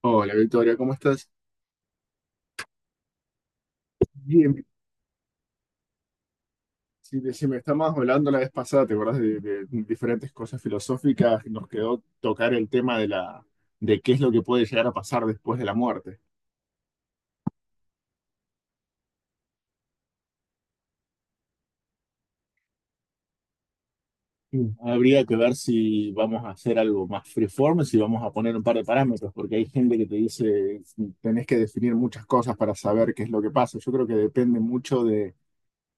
Hola Victoria, ¿cómo estás? Bien, sí, decime, estábamos hablando la vez pasada, ¿te acuerdas de diferentes cosas filosóficas? Nos quedó tocar el tema de qué es lo que puede llegar a pasar después de la muerte. Mm. Habría que ver si vamos a hacer algo más freeform, si vamos a poner un par de parámetros, porque hay gente que te dice, tenés que definir muchas cosas para saber qué es lo que pasa. Yo creo que depende mucho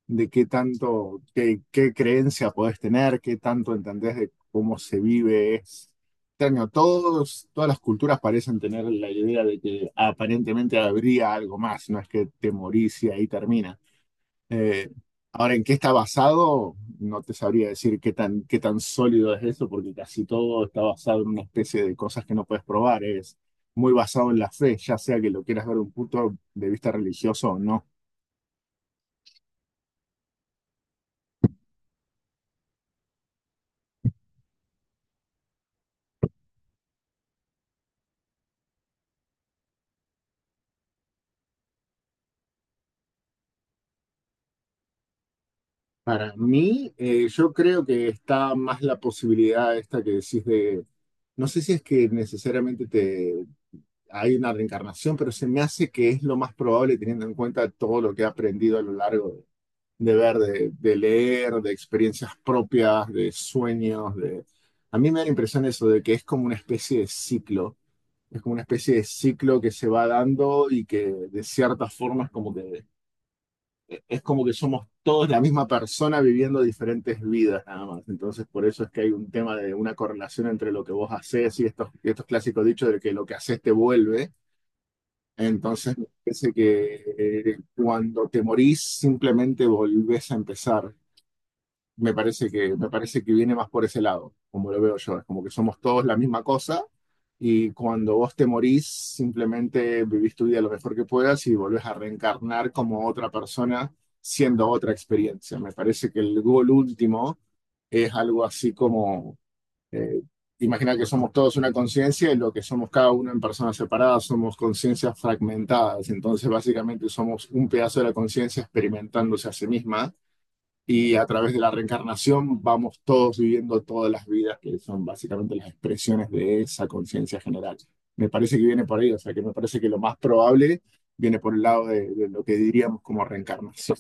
de qué tanto, qué creencia podés tener, qué tanto entendés de cómo se vive. Es extraño. Todas las culturas parecen tener la idea de que aparentemente habría algo más, no es que te morís y ahí termina. Eh, ahora, ¿en qué está basado? No te sabría decir qué tan sólido es eso, porque casi todo está basado en una especie de cosas que no puedes probar. Es muy basado en la fe, ya sea que lo quieras ver de un punto de vista religioso o no. Para mí, yo creo que está más la posibilidad esta que decís de, no sé si es que necesariamente te, hay una reencarnación, pero se me hace que es lo más probable teniendo en cuenta todo lo que he aprendido a lo largo de ver, de leer, de experiencias propias, de sueños, de... A mí me da la impresión eso de que es como una especie de ciclo, es como una especie de ciclo que se va dando y que de ciertas formas como que es como que somos todos la misma persona viviendo diferentes vidas nada más. Entonces, por eso es que hay un tema de una correlación entre lo que vos haces y y estos clásicos dichos de que lo que haces te vuelve. Entonces, me parece que cuando te morís, simplemente volvés a empezar. Me parece que viene más por ese lado, como lo veo yo. Es como que somos todos la misma cosa y cuando vos te morís, simplemente vivís tu vida lo mejor que puedas y volvés a reencarnar como otra persona siendo otra experiencia. Me parece que el gol último es algo así como, eh, imagina que somos todos una conciencia y lo que somos cada uno en personas separadas somos conciencias fragmentadas. Entonces básicamente somos un pedazo de la conciencia experimentándose a sí misma y a través de la reencarnación vamos todos viviendo todas las vidas que son básicamente las expresiones de esa conciencia general. Me parece que viene por ahí, o sea que me parece que lo más probable viene por el lado de lo que diríamos como reencarnación.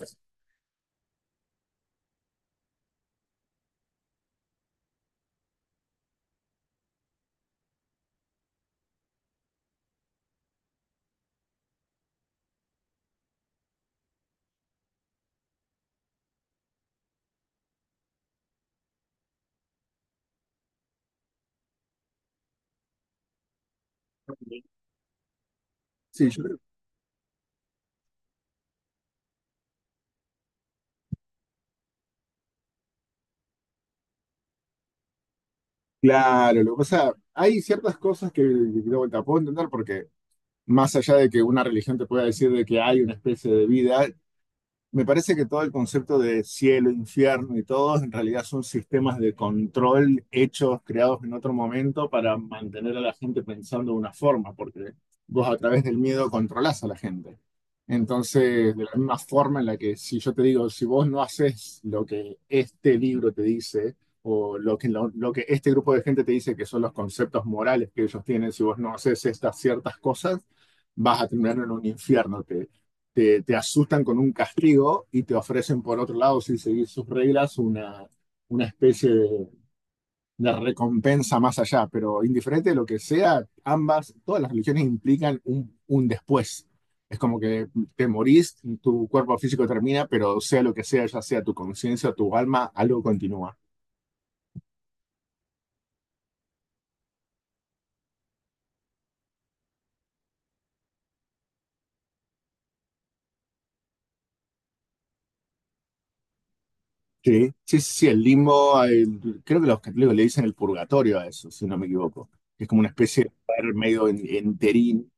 Sí, yo creo. Claro, lo que pasa, hay ciertas cosas que de vuelta puedo entender porque más allá de que una religión te pueda decir de que hay una especie de vida, me parece que todo el concepto de cielo, infierno y todo en realidad son sistemas de control hechos, creados en otro momento para mantener a la gente pensando de una forma, porque vos a través del miedo controlás a la gente. Entonces, de la misma forma en la que si yo te digo, si vos no haces lo que este libro te dice, o lo que, lo que este grupo de gente te dice que son los conceptos morales que ellos tienen, si vos no haces estas ciertas cosas, vas a terminar en un infierno. ¿Te? Te asustan con un castigo y te ofrecen por otro lado, si seguís sus reglas, una especie de recompensa más allá. Pero indiferente de lo que sea, ambas, todas las religiones implican un después. Es como que te morís, tu cuerpo físico termina, pero sea lo que sea, ya sea tu conciencia o tu alma, algo continúa. Sí, sí, sí, el limbo, el- creo que los católicos le dicen el purgatorio a eso, si no me equivoco. Es como una especie de lugar medio en- enterín.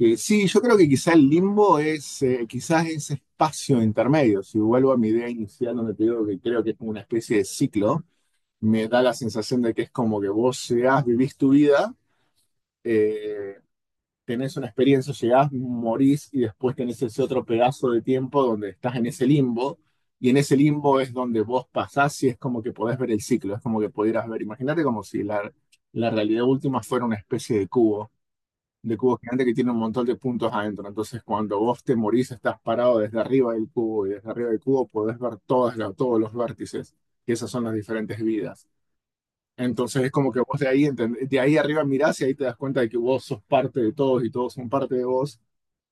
Sí, yo creo que quizás el limbo es quizás ese espacio intermedio. Si vuelvo a mi idea inicial donde te digo que creo que es como una especie de ciclo, me da la sensación de que es como que vos llegás, vivís tu vida, eh, tenés una experiencia, llegás, morís y después tenés ese otro pedazo de tiempo donde estás en ese limbo y en ese limbo es donde vos pasás y es como que podés ver el ciclo, es como que pudieras ver, imagínate como si la, la realidad última fuera una especie de cubo gigante que tiene un montón de puntos adentro. Entonces, cuando vos te morís, estás parado desde arriba del cubo y desde arriba del cubo podés ver todas las- todos los vértices, que esas son las diferentes vidas. Entonces, es como que vos de ahí, entend- de ahí arriba mirás y ahí te das cuenta de que vos sos parte de todos y todos son parte de vos.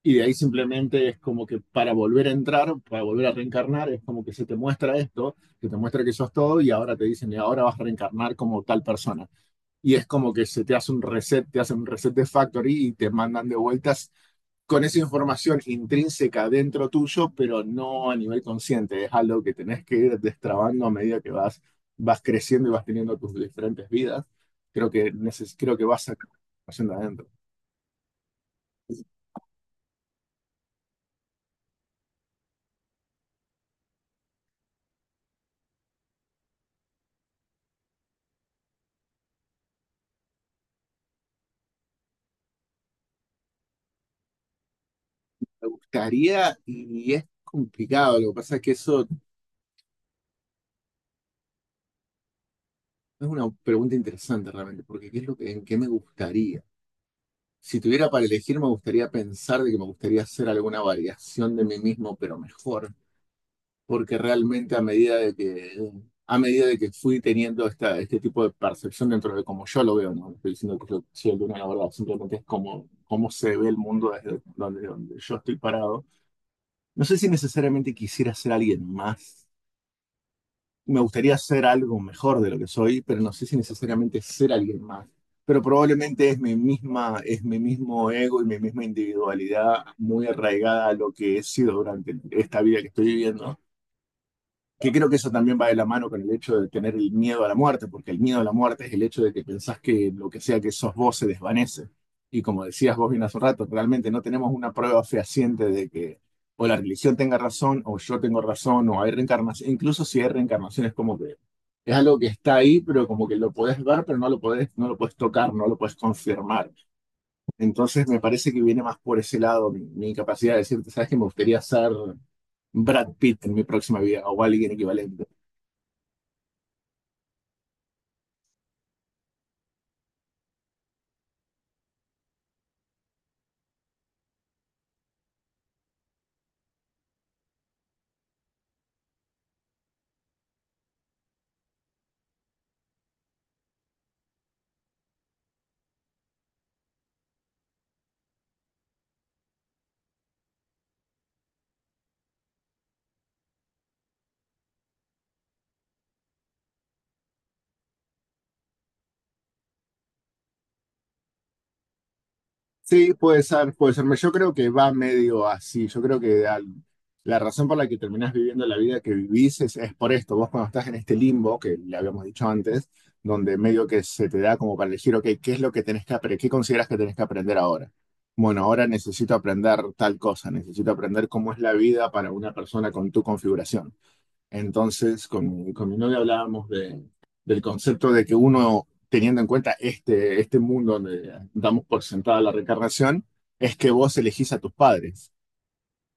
Y de ahí simplemente es como que para volver a entrar, para volver a reencarnar, es como que se te muestra esto, que te muestra que sos todo y ahora te dicen, y ahora vas a reencarnar como tal persona y es como que se te hace un reset, te hacen un reset de factory y te mandan de vueltas con esa información intrínseca dentro tuyo, pero no a nivel consciente. Es algo que tenés que ir destrabando a medida que vas, vas creciendo y vas teniendo tus diferentes vidas. Creo que vas sacando información de adentro. Me gustaría, y es complicado, lo que pasa es que eso es una pregunta interesante realmente, porque ¿qué es lo que, en qué me gustaría? Si tuviera para elegir, me gustaría pensar de que me gustaría hacer alguna variación de mí mismo, pero mejor porque realmente a medida a medida de que fui teniendo esta, este tipo de percepción dentro de cómo yo lo veo, no estoy diciendo que yo soy el de una la verdad, simplemente es como, cómo se ve el mundo desde donde, donde yo estoy parado. No sé si necesariamente quisiera ser alguien más. Me gustaría ser algo mejor de lo que soy, pero no sé si necesariamente ser alguien más. Pero probablemente es mi mismo ego y mi misma individualidad muy arraigada a lo que he sido durante esta vida que estoy viviendo que creo que eso también va de la mano con el hecho de tener el miedo a la muerte, porque el miedo a la muerte es el hecho de que pensás que lo que sea que sos vos se desvanece. Y como decías vos bien hace un rato, realmente no tenemos una prueba fehaciente de que o la religión tenga razón, o yo tengo razón, o hay reencarnación. Incluso si hay reencarnación es como que es algo que está ahí, pero como que lo podés ver, pero no lo podés, no lo podés tocar, no lo podés confirmar. Entonces me parece que viene más por ese lado mi incapacidad de decirte, sabes que me gustaría ser Brad Pitt en mi próxima vida, o alguien equivalente. Sí, puede ser, puede ser. Yo creo que va medio así. Yo creo que al- la razón por la que terminás viviendo la vida que vivís es por esto. Vos cuando estás en este limbo, que le habíamos dicho antes, donde medio que se te da como para elegir, ok, ¿qué es lo que tenés que aprender? ¿Qué consideras que tenés que aprender ahora? Bueno, ahora necesito aprender tal cosa, necesito aprender cómo es la vida para una persona con tu configuración. Entonces, con mi novia hablábamos de, del concepto de que uno, teniendo en cuenta este, este mundo donde damos por sentada la reencarnación, es que vos elegís a tus padres.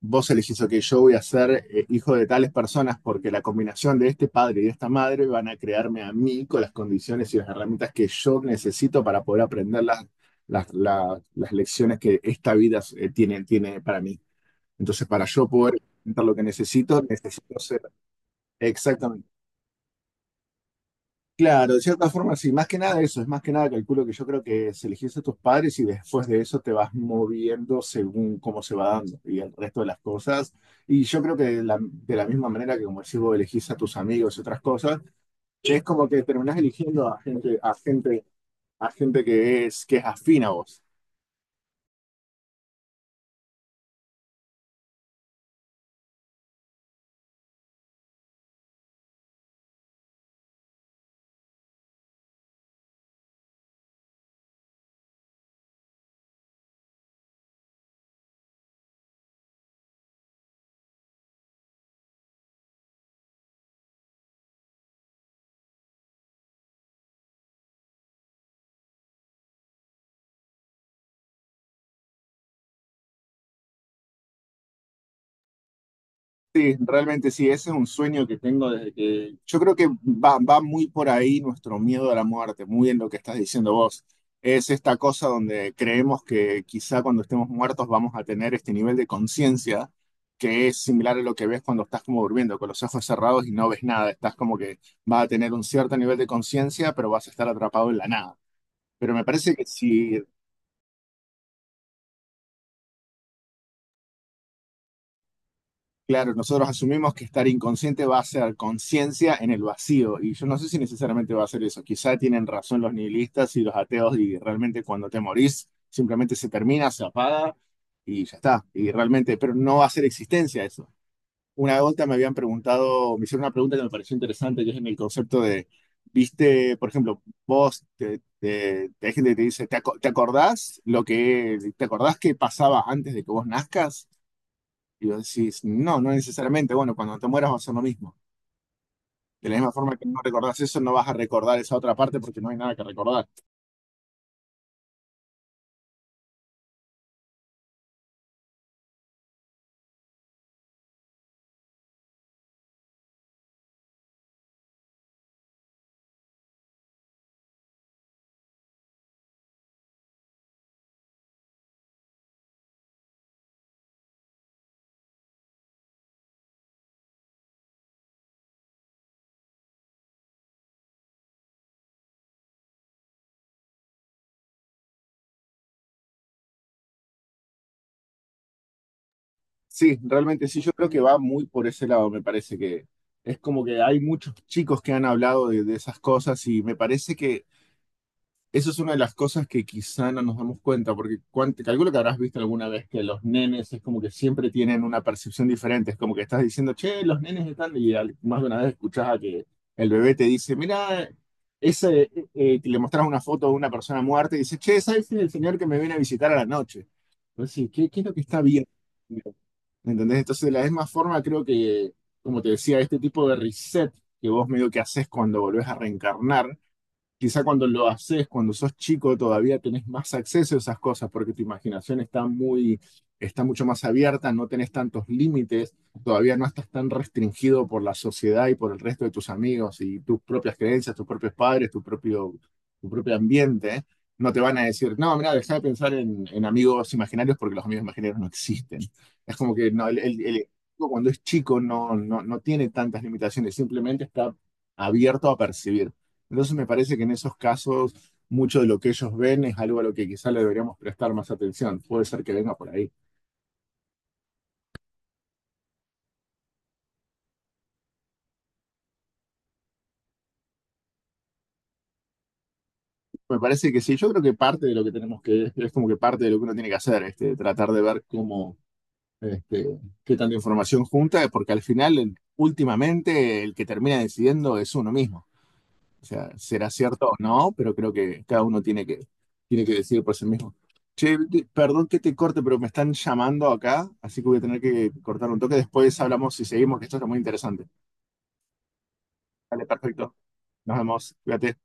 Vos elegís, ok, yo voy a ser hijo de tales personas porque la combinación de este padre y de esta madre van a crearme a mí con las condiciones y las herramientas que yo necesito para poder aprender las, las lecciones que esta vida tiene, tiene para mí. Entonces, para yo poder intentar lo que necesito, necesito ser exactamente. Claro, de cierta forma, sí, más que nada eso, es más que nada calculo que yo creo que se elegiste a tus padres y después de eso te vas moviendo según cómo se va dando y el resto de las cosas. Y yo creo que de la misma manera que como decís vos elegís a tus amigos y otras cosas, es como que terminás eligiendo a gente, a gente, a gente que es afín a vos. Sí, realmente sí, ese es un sueño que tengo desde que yo creo que va, va muy por ahí nuestro miedo a la muerte, muy en lo que estás diciendo vos. Es esta cosa donde creemos que quizá cuando estemos muertos vamos a tener este nivel de conciencia que es similar a lo que ves cuando estás como durmiendo, con los ojos cerrados y no ves nada. Estás como que vas a tener un cierto nivel de conciencia, pero vas a estar atrapado en la nada. Pero me parece que si claro, nosotros asumimos que estar inconsciente va a ser conciencia en el vacío, y yo no sé si necesariamente va a ser eso. Quizá tienen razón los nihilistas y los ateos, y realmente cuando te morís, simplemente se termina, se apaga y ya está. Y realmente, pero no va a ser existencia eso. Una vuelta me habían preguntado, me hicieron una pregunta que me pareció interesante, que es en el concepto de, viste, por ejemplo, vos, hay gente que te dice, ¿te, te acordás lo que, te acordás que pasaba antes de que vos nazcas? Y vos decís, no, no necesariamente. Bueno, cuando te mueras va a ser lo mismo. De la misma forma que no recordás eso, no vas a recordar esa otra parte porque no hay nada que recordar. Sí, realmente sí, yo creo que va muy por ese lado, me parece que es como que hay muchos chicos que han hablado de esas cosas y me parece que eso es una de las cosas que quizá no nos damos cuenta, porque te calculo que habrás visto alguna vez que los nenes es como que siempre tienen una percepción diferente. Es como que estás diciendo, che, los nenes están, y más de una vez escuchás a que el bebé te dice, mira, ese, que le mostrás una foto de una persona muerta y dice, che, ese es el señor que me viene a visitar a la noche. Pues sí, ¿qué, qué es lo que está bien? ¿Entendés? Entonces, de la misma forma, creo que, como te decía, este tipo de reset que vos medio que haces cuando volvés a reencarnar. Quizá cuando lo haces, cuando sos chico, todavía tenés más acceso a esas cosas porque tu imaginación está muy, está mucho más abierta, no tenés tantos límites, todavía no estás tan restringido por la sociedad y por el resto de tus amigos y tus propias creencias, tus propios padres, tu propio ambiente. No te van a decir, no, mira, deja de pensar en amigos imaginarios porque los amigos imaginarios no existen. Es como que no, cuando es chico no, no, no tiene tantas limitaciones, simplemente está abierto a percibir. Entonces me parece que en esos casos mucho de lo que ellos ven es algo a lo que quizá le deberíamos prestar más atención. Puede ser que venga por ahí. Me parece que sí, yo creo que parte de lo que tenemos que, es como que parte de lo que uno tiene que hacer, este, tratar de ver cómo, este, qué tanta información junta, porque al final, últimamente, el que termina decidiendo es uno mismo. O sea, será cierto o no, pero creo que cada uno tiene que decidir por sí mismo. Che, perdón que te corte, pero me están llamando acá, así que voy a tener que cortar un toque. Después hablamos y seguimos, que esto está muy interesante. Vale, perfecto. Nos vemos. Cuídate.